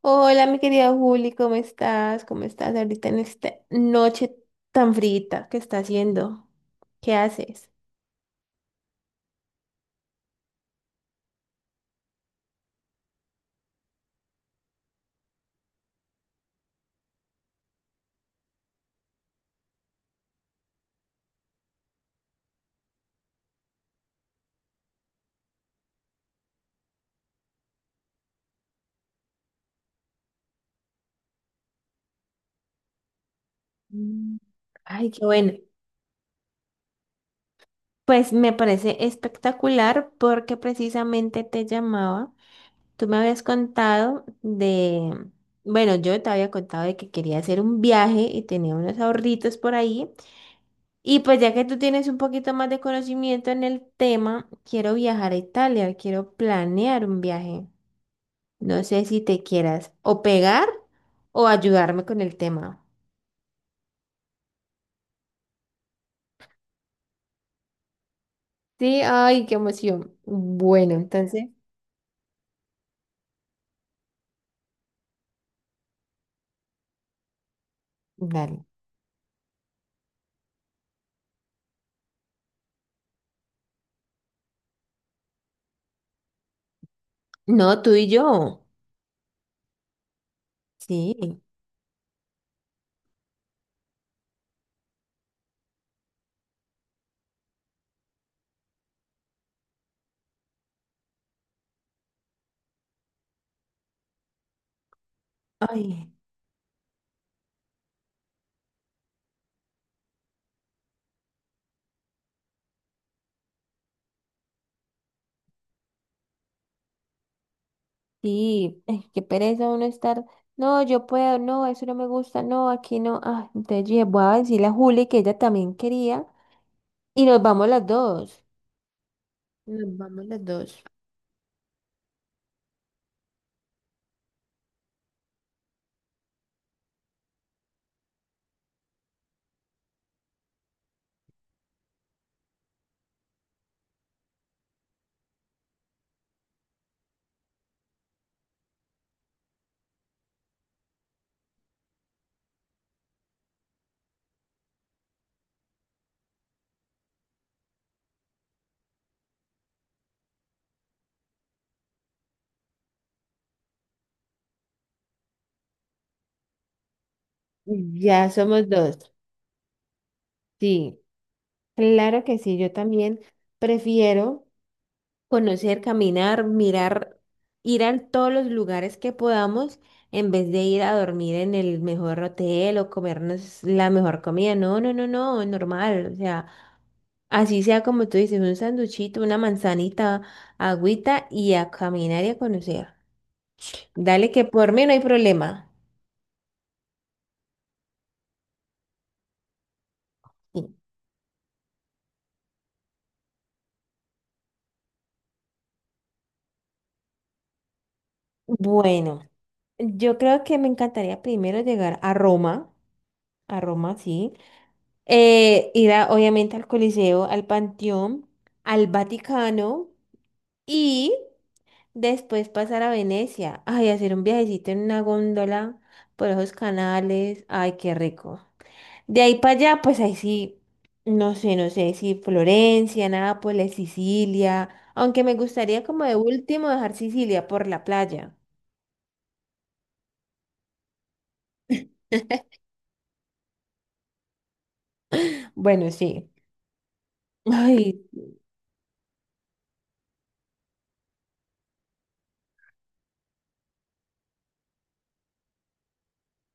Hola, mi querida Juli, ¿cómo estás? ¿Cómo estás ahorita en esta noche tan frita que está haciendo? ¿Qué haces? Mm, Ay, qué bueno. Pues me parece espectacular porque precisamente te llamaba. Tú me habías bueno, yo te había contado de que quería hacer un viaje y tenía unos ahorritos por ahí. Y pues ya que tú tienes un poquito más de conocimiento en el tema, quiero viajar a Italia, quiero planear un viaje. No sé si te quieras o pegar o ayudarme con el tema. Sí, ay, qué emoción. Bueno, entonces, dale. No, tú y yo. Sí. Ay, sí, ay, qué pereza uno estar. No, yo puedo, no, eso no me gusta, no, aquí no. Ah, entonces yo dije, voy a decirle a Juli que ella también quería y nos vamos las dos. Nos vamos las dos. Ya somos dos. Sí, claro que sí, yo también prefiero conocer, caminar, mirar, ir a todos los lugares que podamos en vez de ir a dormir en el mejor hotel o comernos la mejor comida. No, no, no, no, normal. O sea, así sea como tú dices, un sanduchito, una manzanita, agüita y a caminar y a conocer. Dale que por mí no hay problema. Sí. Bueno, yo creo que me encantaría primero llegar a Roma, sí. Obviamente al Coliseo, al Panteón, al Vaticano y después pasar a Venecia. Ay, hacer un viajecito en una góndola por esos canales. Ay, qué rico. De ahí para allá, pues ahí sí, no sé, no sé si Florencia, Nápoles, Sicilia. Aunque me gustaría como de último dejar Sicilia por la playa. Bueno, sí. Ay,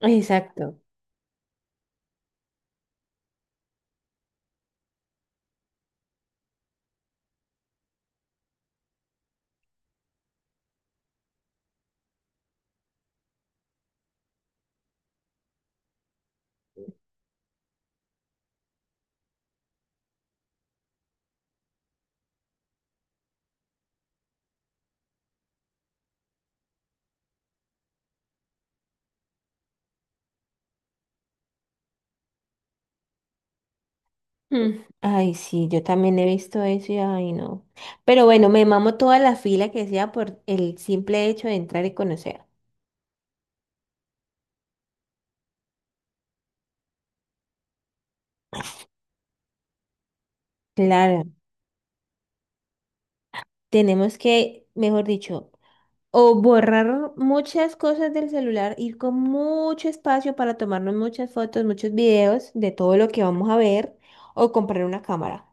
exacto. Mm. Ay, sí, yo también he visto eso y ay, no. Pero bueno, me mamo toda la fila que sea por el simple hecho de entrar y conocer. Claro, tenemos que, mejor dicho, o borrar muchas cosas del celular, ir con mucho espacio para tomarnos muchas fotos, muchos videos de todo lo que vamos a ver, o comprar una cámara.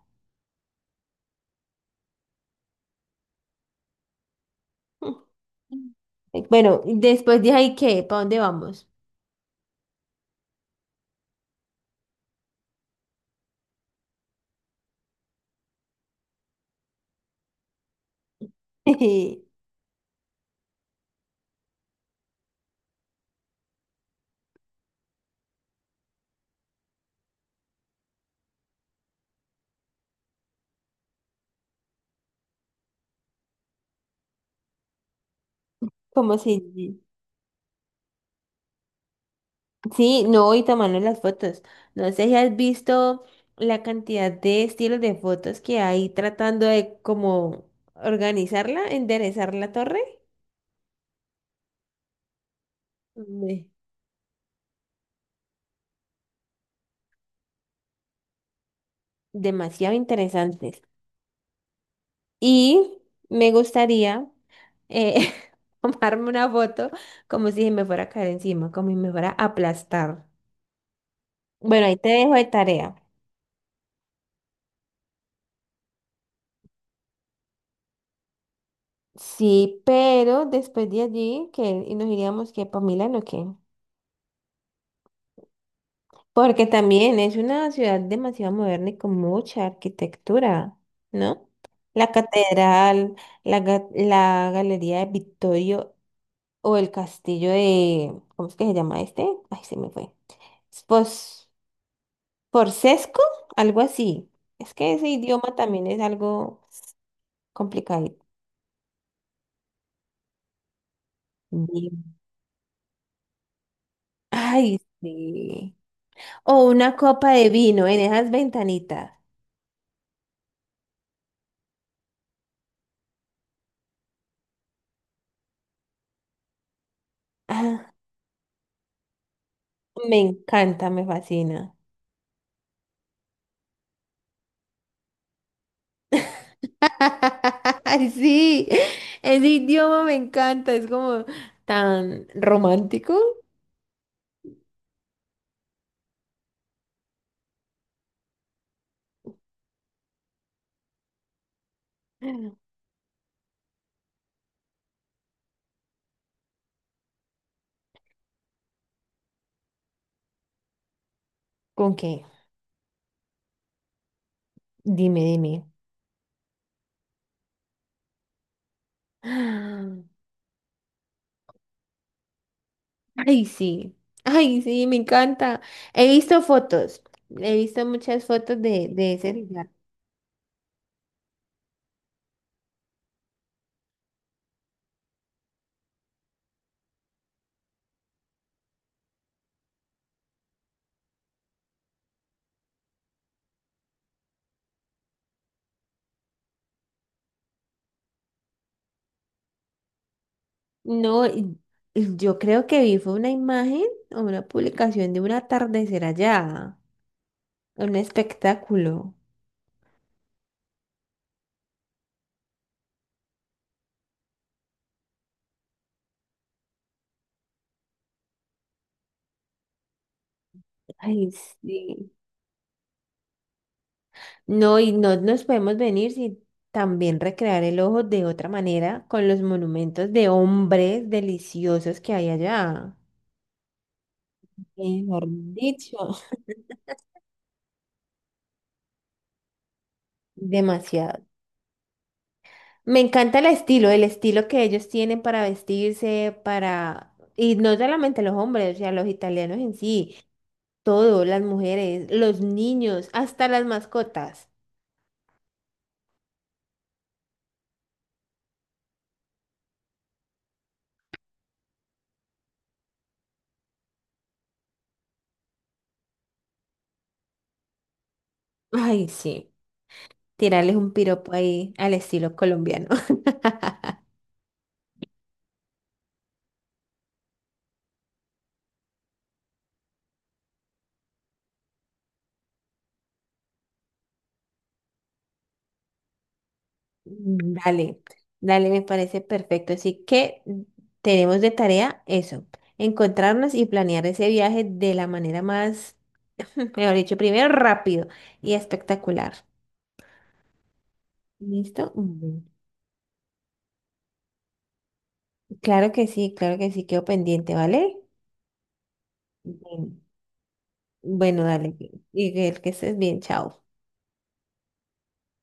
Mm. Bueno, después de ahí, ¿qué? ¿Para dónde vamos? Como si... Sí, no, y tomando las fotos. No sé si has visto la cantidad de estilos de fotos que hay tratando de como organizarla, enderezar la torre. Me- Demasiado interesantes. Y me gustaría eh, tomarme una foto como si me fuera a caer encima, como si me fuera a aplastar. Bueno, ahí te dejo de tarea. Sí, pero después de allí, que nos iríamos que para Milán o qué? Porque también es una ciudad demasiado moderna y con mucha arquitectura, ¿no? La catedral, la galería de Vittorio o el castillo de, ¿cómo es que se llama este? Ay, se me fue. Pos, Porsesco, algo así. Es que ese idioma también es algo complicado. Bien. Ay, sí. O una copa de vino en esas ventanitas. Ah, me encanta, me fascina. Ay, sí, ese idioma me encanta, es como tan romántico. ¿Con qué? Dime, dime. Ah, ay, sí, ay, sí, me encanta. He visto fotos, he visto muchas fotos de ese lugar. No, y yo creo que vi fue una imagen o una publicación de un atardecer allá, un espectáculo. Ay, sí. No, y no nos podemos venir sin también recrear el ojo de otra manera con los monumentos de hombres deliciosos que hay allá. Mejor dicho. Demasiado. Me encanta el estilo que ellos tienen para vestirse, para... Y no solamente los hombres, o sea, los italianos en sí, todo, las mujeres, los niños, hasta las mascotas. Ay, sí, tirarles un piropo ahí al estilo colombiano. Mm, dale, dale, me parece perfecto. Así que tenemos de tarea eso, encontrarnos y planear ese viaje de la manera más, mejor dicho, primero rápido y espectacular. ¿Listo? Bueno, claro que sí, claro que sí, quedo pendiente, ¿vale? Bien. Bueno, dale, y que estés bien, chao.